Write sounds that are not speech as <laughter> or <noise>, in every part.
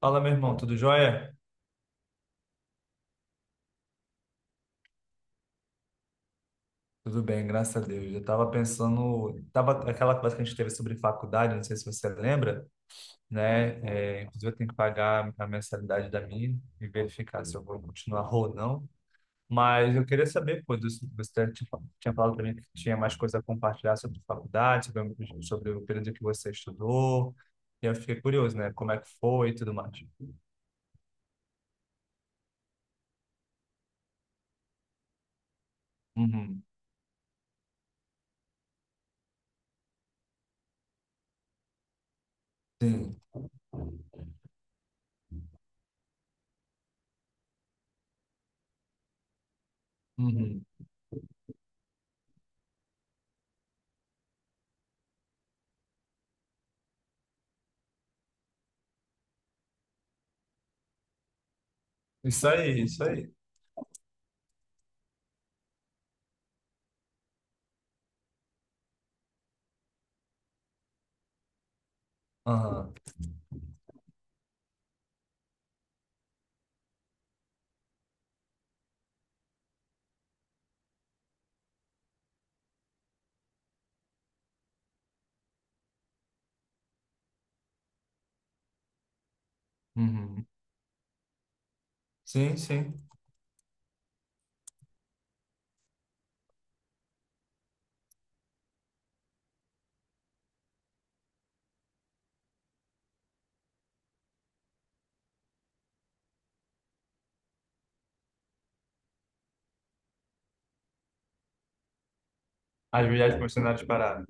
Fala, meu irmão, tudo jóia? Tudo bem, graças a Deus. Eu estava pensando, tava aquela conversa que a gente teve sobre faculdade, não sei se você lembra, né? É, inclusive, eu tenho que pagar a mensalidade da minha e verificar se eu vou continuar ou não. Mas eu queria saber, pô, você tinha falado para mim que tinha mais coisa a compartilhar sobre faculdade, sobre o período que você estudou. E eu fiquei curioso, né? Como é que foi e tudo mais. Uhum. Sim. Uhum. Isso aí, isso aí. Aham. Uhum. Sim, sim. As viagens missionárias os pararam.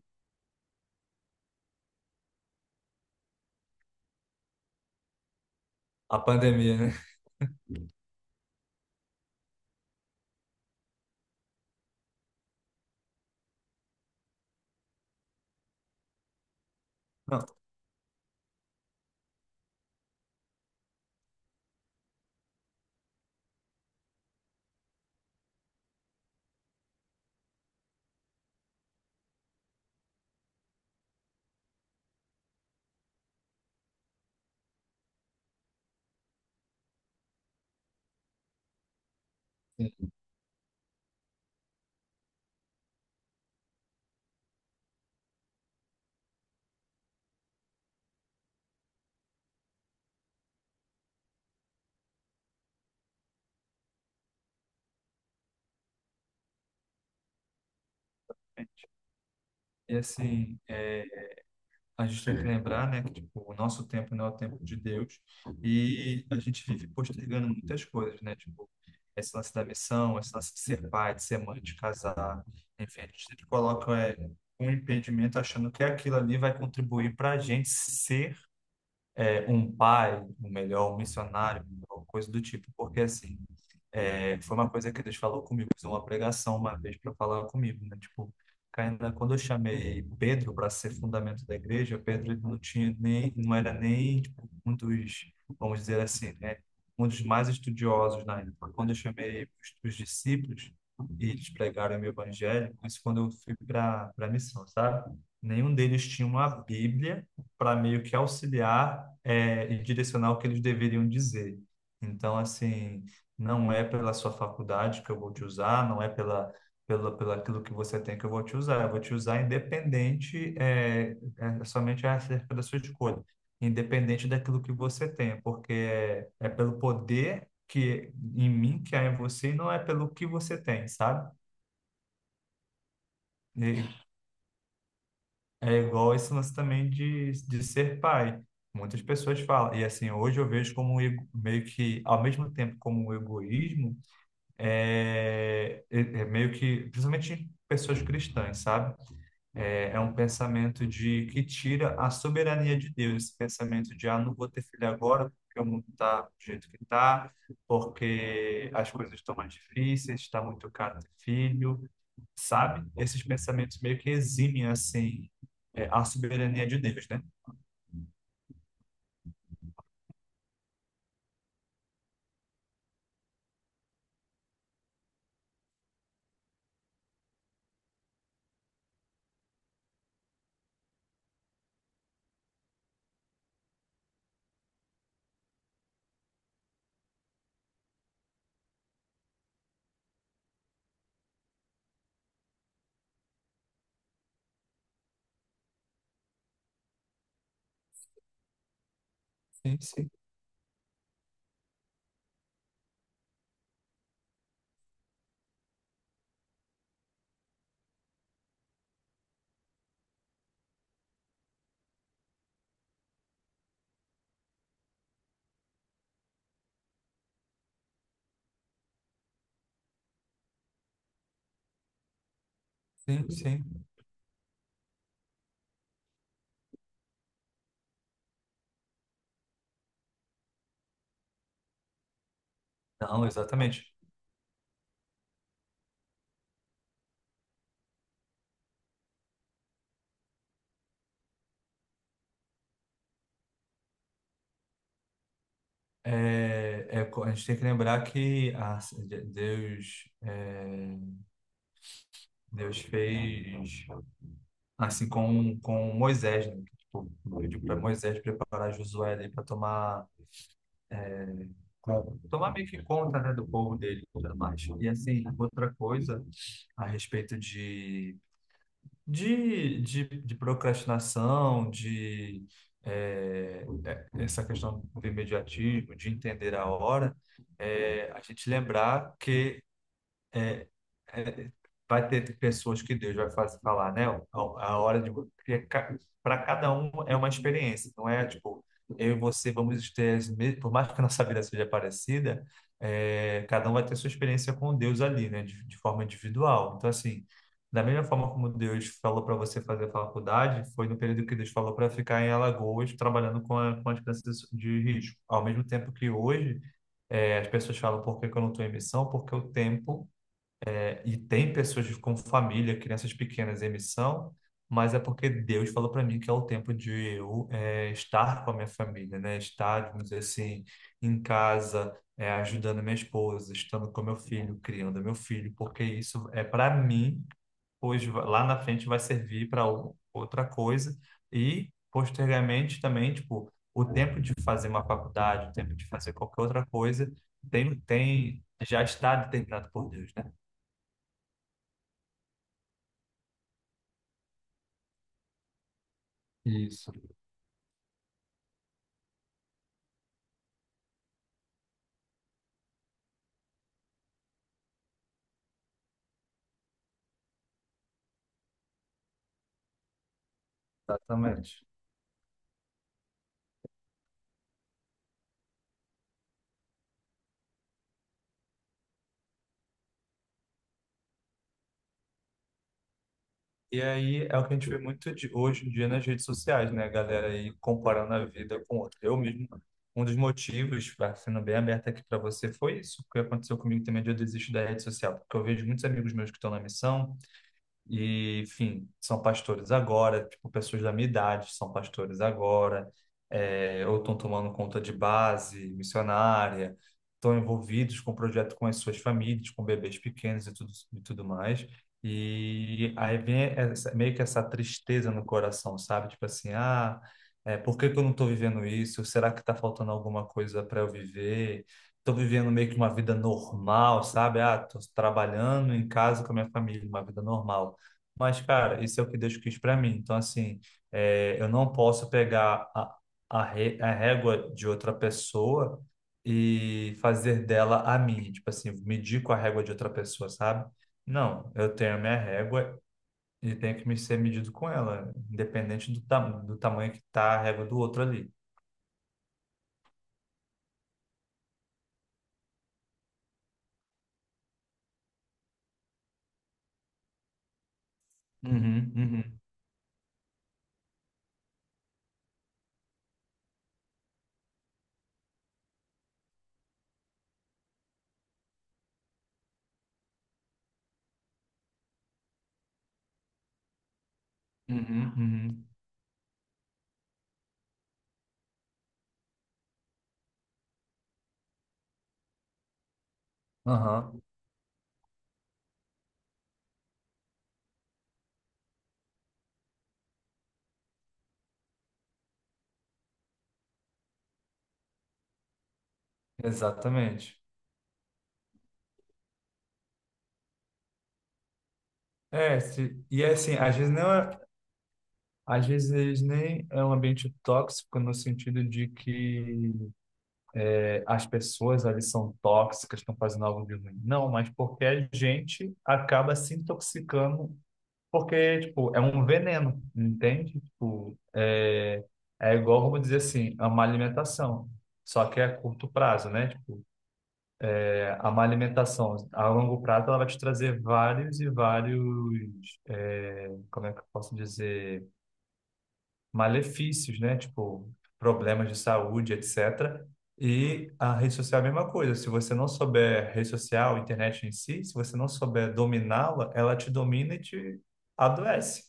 A pandemia, né? <laughs> Não, gente. E assim, é, a gente tem que lembrar, né, que tipo, o nosso tempo não é o tempo de Deus e a gente vive postergando muitas coisas, né? Tipo, esse lance da missão, esse lance de ser pai, de ser mãe, de casar, enfim, a gente sempre coloca um impedimento achando que aquilo ali vai contribuir para a gente ser um pai, um melhor, um missionário, ou coisa do tipo, porque assim. É, foi uma coisa que Deus falou comigo, fez uma pregação uma vez para falar comigo, né? Tipo, ainda quando eu chamei Pedro para ser fundamento da igreja, Pedro ele não tinha nem, não era nem tipo, um dos, vamos dizer assim, né? Um dos mais estudiosos na época. Quando eu chamei os discípulos e eles pregaram o meu evangelho, isso quando eu fui para missão, sabe? Nenhum deles tinha uma Bíblia para meio que auxiliar e direcionar o que eles deveriam dizer. Então, assim, não é pela sua faculdade que eu vou te usar, não é pela, pela aquilo que você tem que eu vou te usar, eu vou te usar independente, é somente acerca da sua escolha, independente daquilo que você tem, porque é pelo poder que em mim que há em você e não é pelo que você tem, sabe? E é igual esse lance também de ser pai. Muitas pessoas falam, e assim, hoje eu vejo como um meio que, ao mesmo tempo como um egoísmo, meio que, principalmente pessoas cristãs, sabe? É um pensamento de que tira a soberania de Deus, esse pensamento de, ah, não vou ter filho agora porque o mundo está do jeito que está, porque as coisas estão mais difíceis, está muito caro ter filho, sabe? Esses pensamentos meio que eximem, assim, a soberania de Deus, né? Sim, sim, sim, sim. Não, exatamente. A gente tem que lembrar que Deus, é, Deus fez assim com Moisés, né? Tipo, pediu para Moisés preparar Josué ali para tomar, tomar meio que conta, né, do povo dele e tudo mais. E assim, outra coisa a respeito de procrastinação, de é, essa questão do imediatismo, de entender a hora, a gente lembrar que é, vai ter pessoas que Deus vai fazer falar, né? A hora de para cada um é uma experiência, não é tipo eu e você vamos ter as por mais que a nossa vida seja parecida, é, cada um vai ter sua experiência com Deus ali, né? De forma individual. Então assim, da mesma forma como Deus falou para você fazer a faculdade, foi no período que Deus falou para ficar em Alagoas trabalhando com as crianças de risco. Ao mesmo tempo que hoje as pessoas falam por que que eu não estou em missão, porque o tempo e tem pessoas com família, crianças pequenas em missão, mas é porque Deus falou para mim que é o tempo de eu estar com a minha família, né? Estar, vamos dizer assim, em casa, ajudando minha esposa, estando com meu filho, criando meu filho, porque isso é para mim, pois lá na frente vai servir para outra coisa e posteriormente também, tipo, o tempo de fazer uma faculdade, o tempo de fazer qualquer outra coisa, já está determinado por Deus, né? Isso. Exatamente. E aí é o que a gente vê muito hoje em dia nas redes sociais, né? A galera aí comparando a vida com outra. Eu mesmo, um dos motivos, sendo bem aberto aqui para você, foi isso que aconteceu comigo também de eu desistir da rede social. Porque eu vejo muitos amigos meus que estão na missão, e, enfim, são pastores agora, tipo, pessoas da minha idade são pastores agora, é, ou estão tomando conta de base missionária, estão envolvidos com o projeto com as suas famílias, com bebês pequenos e tudo mais. E aí vem meio que essa tristeza no coração, sabe? Tipo assim, ah, é, por que que eu não estou vivendo isso? Será que está faltando alguma coisa para eu viver? Estou vivendo meio que uma vida normal, sabe? Ah, estou trabalhando em casa com a minha família, uma vida normal. Mas, cara, isso é o que Deus quis para mim. Então, assim, é, eu não posso pegar a régua de outra pessoa e fazer dela a minha. Tipo assim, medir com a régua de outra pessoa, sabe? Não, eu tenho a minha régua e tenho que me ser medido com ela, independente do tamanho que tá a régua do outro ali. Uhum, uhum, uhum, uhum. Aham, exatamente. É, se, e é assim, às vezes não é. Às vezes nem é um ambiente tóxico no sentido de que é, as pessoas ali são tóxicas, estão fazendo algo de ruim. Não, mas porque a gente acaba se intoxicando, porque tipo, é um veneno, entende? Tipo, é igual, vamos dizer assim, a má alimentação. Só que é a curto prazo, né? Tipo, é, a má alimentação a longo prazo ela vai te trazer vários e vários, como é que eu posso dizer? Malefícios, né? Tipo, problemas de saúde, etc. E a rede social é a mesma coisa. Se você não souber rede social, internet em si, se você não souber dominá-la, ela te domina e te adoece.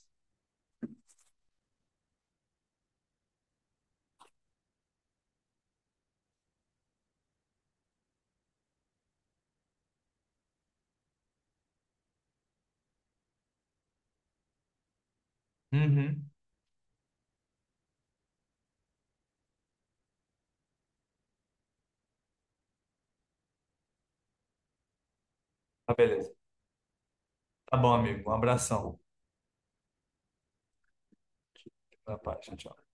Uhum. Tá, beleza. Tá bom, amigo. Um abração. Fica na paz. Tchau, tchau.